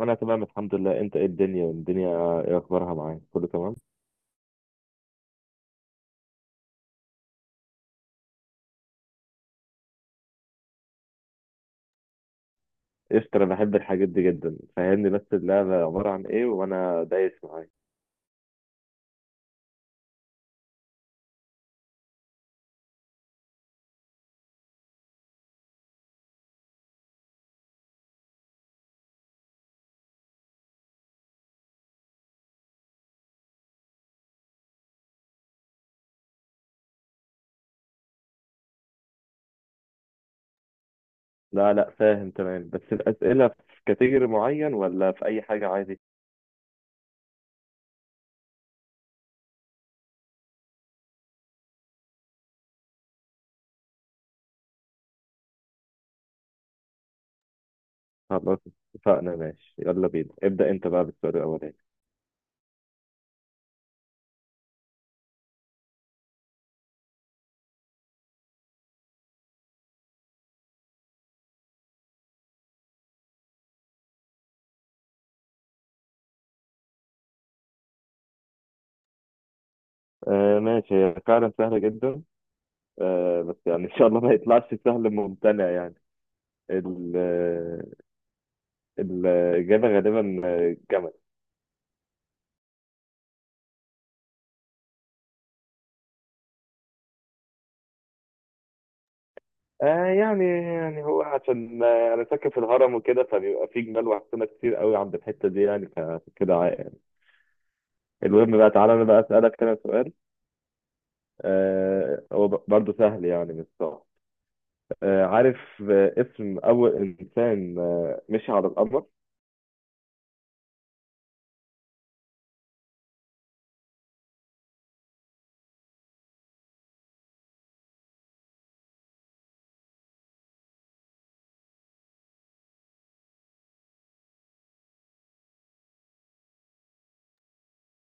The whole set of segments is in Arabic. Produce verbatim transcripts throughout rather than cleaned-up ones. انا تمام الحمد لله. انت ايه الدنيا الدنيا ايه اخبارها معاك؟ كله تمام. قشطة، انا بحب الحاجات دي جدا. فهمني بس، اللعبة عبارة عن ايه وانا دايس معاك. لا لا، فاهم تمام، بس الاسئلة في كاتيجوري معين ولا في اي حاجة عادي؟ خلاص، اتفقنا، ماشي يلا بينا. ابدأ انت بقى بالسؤال الاولاني. آه ماشي، هي فعلا سهلة جدا. آه، بس يعني ان شاء الله ما يطلعش سهل ممتنع يعني. ال- الإجابة غالبا جمل. آه يعني يعني هو عشان آه، انا ساكن في الهرم وكده، فبيبقى في جمال وحصينة كتير قوي عند الحته دي يعني، فكده عا- يعني. المهم بقى، تعالى انا بقى اسالك كده سؤال. آه، هو ب- برضه سهل يعني مش صعب. آه، عارف. آه، اسم اول انسان آه مشي على القمر؟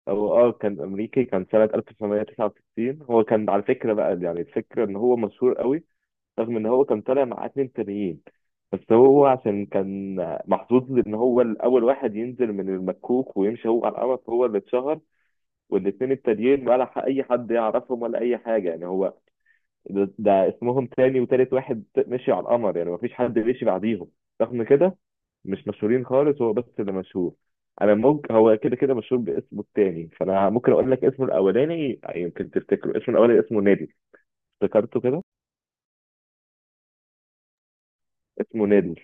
هو اه كان امريكي، كان سنه ألف وتسعمائة وتسعة وستين. هو كان على فكره بقى، يعني الفكره ان هو مشهور قوي رغم ان هو كان طالع مع اتنين تانيين. بس هو عشان كان محظوظ ان هو الاول واحد ينزل من المكوك ويمشي هو على القمر، فهو اللي اتشهر. والاتنين التانيين ولا ح- اي حد يعرفهم ولا اي حاجه يعني. هو ده, ده اسمهم تاني وتالت واحد مشي على القمر، يعني مفيش حد مشي بعديهم رغم كده، مش مشهورين خالص، هو بس اللي مشهور. انا ممكن هو كده كده مشهور باسمه التاني، فانا ممكن اقول لك اسمه الاولاني يمكن تفتكره. اسمه الاولاني اسمه نادي، افتكرته كده؟ اسمه نادي.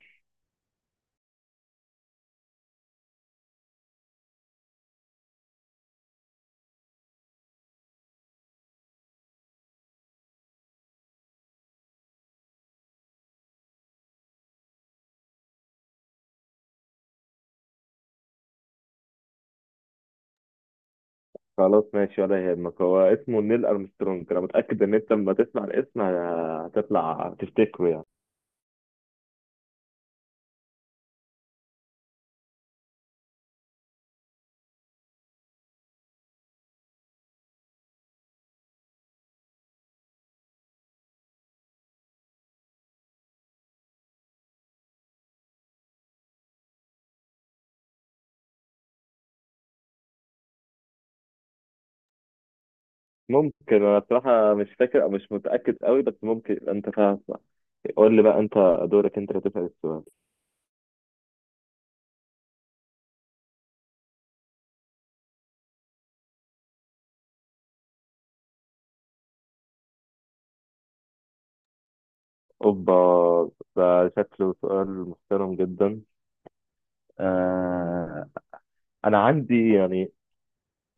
خلاص، ماشي ولا يهمك، هو اسمه نيل أرمسترونج. أنا متأكد إن أنت لما تسمع الاسم ه- هتطلع تفتكره يعني. ممكن، أنا بصراحة مش فاكر أو مش متأكد قوي، بس ممكن يبقى أنت فاهم. قول لي بقى أنت، دورك أنت اللي تسأل السؤال. أوبا، ده شكله سؤال محترم جدا. آه، أنا عندي يعني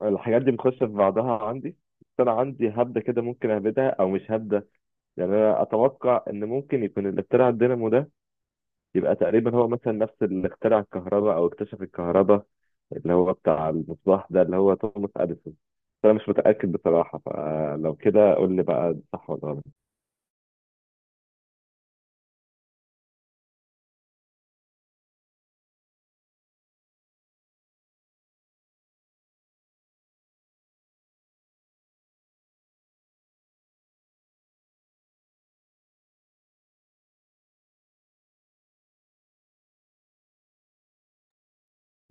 الحاجات دي بتخش في بعضها عندي. بس أنا عندي هبدة كده، ممكن أهبدها أو مش هبدة. يعني أنا أتوقع إن ممكن يكون اللي اخترع الدينامو ده يبقى تقريبا هو مثلا نفس اللي اخترع الكهرباء او اكتشف الكهرباء، اللي هو بتاع المصباح ده، اللي هو توماس اديسون. بس انا مش متاكد بصراحه، فلو كده قول لي بقى ده صح ولا غلط.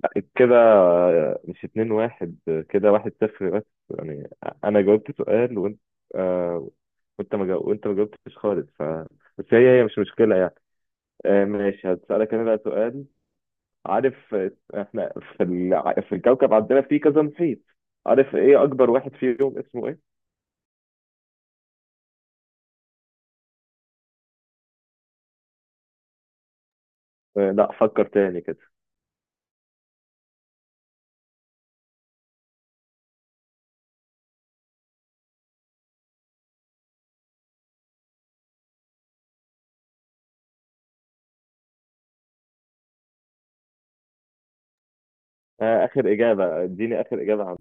لا، كده مش اتنين واحد، كده واحد صفر بس يعني. انا جاوبت سؤال وانت آه وانت ما جاوب وانت ما جاوبتش خالص ف. بس هي هي مش مشكله يعني. آه ماشي، هسالك انا بقى سؤال. عارف آه، احنا في الع- في الكوكب عندنا في كذا محيط، عارف ايه اكبر واحد فيهم اسمه ايه؟ لا، فكر تاني كده. آه، آخر إجابة، اديني آخر إجابة عن.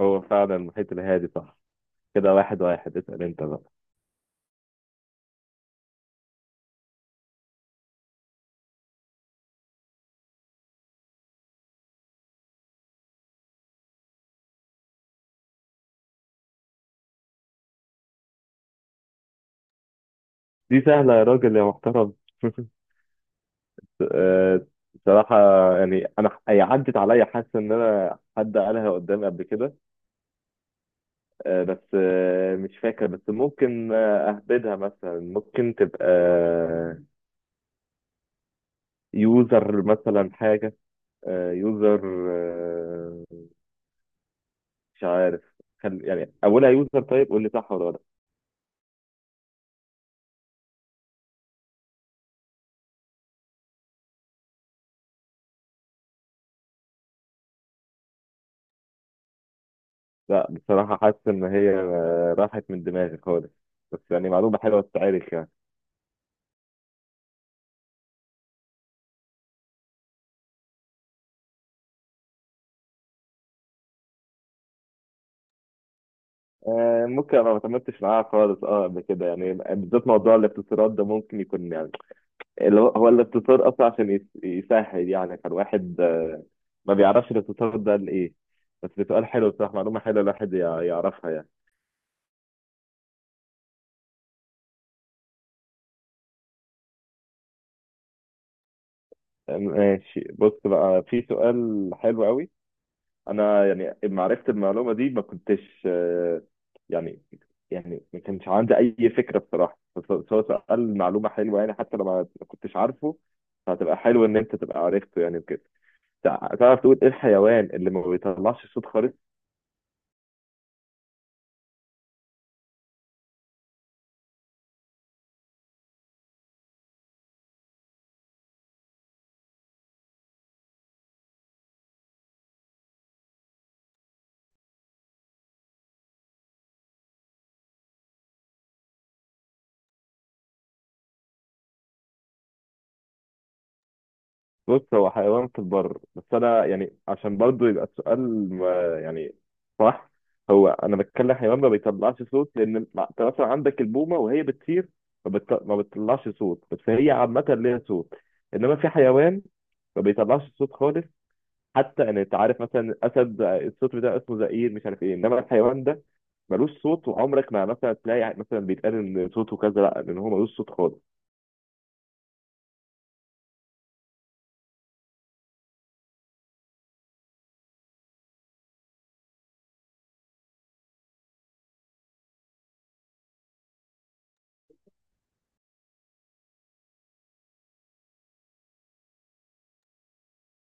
هو فعلا المحيط الهادي، صح. كده واحد واحد، اسأل أنت بقى. دي سهلة يا راجل يا محترم. آه، بصراحة يعني أنا هي عدت عليا، حاسس إن أنا حد قالها قدامي قبل كده. آه، بس آه، مش فاكر، بس ممكن آه، أهبدها مثلا. ممكن تبقى يوزر مثلا، حاجة يوزر، مش عارف. خل... يعني أولها يوزر، طيب قول لي صح ولا غلط. لا، بصراحة حاسس إن هي آه، راحت من دماغي خالص، بس يعني معلومة حلوة تتعرف يعني. آه، ممكن. أنا ما تعاملتش معاها خالص أه قبل كده يعني، بالذات موضوع الاختصارات ده ممكن يكون يعني. اللي هو هو الاختصار أصلا عشان يس- يسهل يعني، فالواحد آه، ما بيعرفش الاختصار ده لإيه. بس ده سؤال حلو بصراحة، معلومة حلوة الواحد يع- يعرفها يعني. آه ماشي، بص بقى في سؤال حلو أوي. انا يعني لما عرفت المعلومه دي ما كنتش آه، يعني يعني ما كانش عندي اي فكره بصراحه. بس بس هو سأل معلومه حلوه يعني، حتى لو ما ما كنتش عارفه. فهتبقى حلو ان انت تبقى عرفته يعني وكده. تع- تعرف تقول ايه الحيوان اللي ما بيطلعش صوت خالص؟ بص، هو حيوان في البر. بس انا يعني عشان برضو يبقى السؤال ما- يعني صح. هو انا بتكلم حيوان ما بيطلعش صوت، لان مع- انت مثلا عندك البومه وهي بتطير ما بت- ما بتطلعش صوت، بس هي عامه ليها صوت. انما في حيوان ما بيطلعش صوت خالص، حتى ان انت عارف. مثلا الاسد الصوت بتاعه اسمه زئير، مش عارف ايه، انما الحيوان ده ملوش صوت. وعمرك ما مثلا تلاقي مثلا بيتقال ان صوته كذا، لا لان هو ملوش صوت خالص.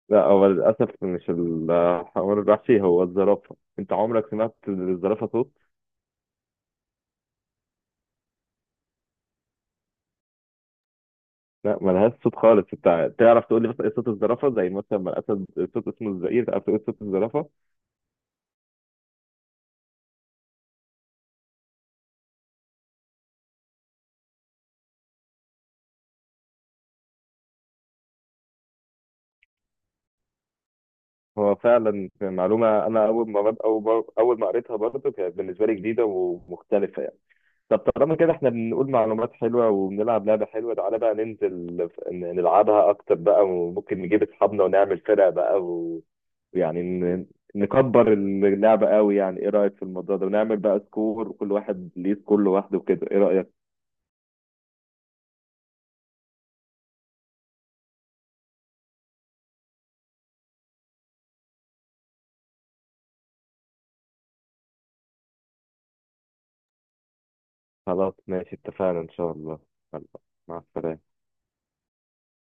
لا، هو للأسف مش الحمار الوحشي، هو الزرافة. أنت عمرك سمعت الزرافة صوت؟ لا، ملهاش صوت خالص. أنت تعرف تقول لي مثلا إيه صوت الزرافة؟ زي مثلا ما الأسد صوت اسمه الزئير، تعرف تقول صوت الزرافة؟ هو فعلا معلومة، أنا أول ما بد... أول ما أول ما قريتها برضه كانت بالنسبة لي جديدة ومختلفة يعني. طب طالما كده إحنا بنقول معلومات حلوة وبنلعب لعبة حلوة، تعالى بقى ننزل ف- ن- نلعبها أكتر بقى، وممكن نجيب أصحابنا ونعمل فرق بقى. يعني ن- نكبر اللعبة قوي يعني، ايه رأيك في الموضوع ده؟ ونعمل بقى سكور، وكل واحد ليه سكور لوحده وكده. ايه رأيك؟ خلاص ماشي اتفقنا ان شاء الله. يلا، مع السلامة.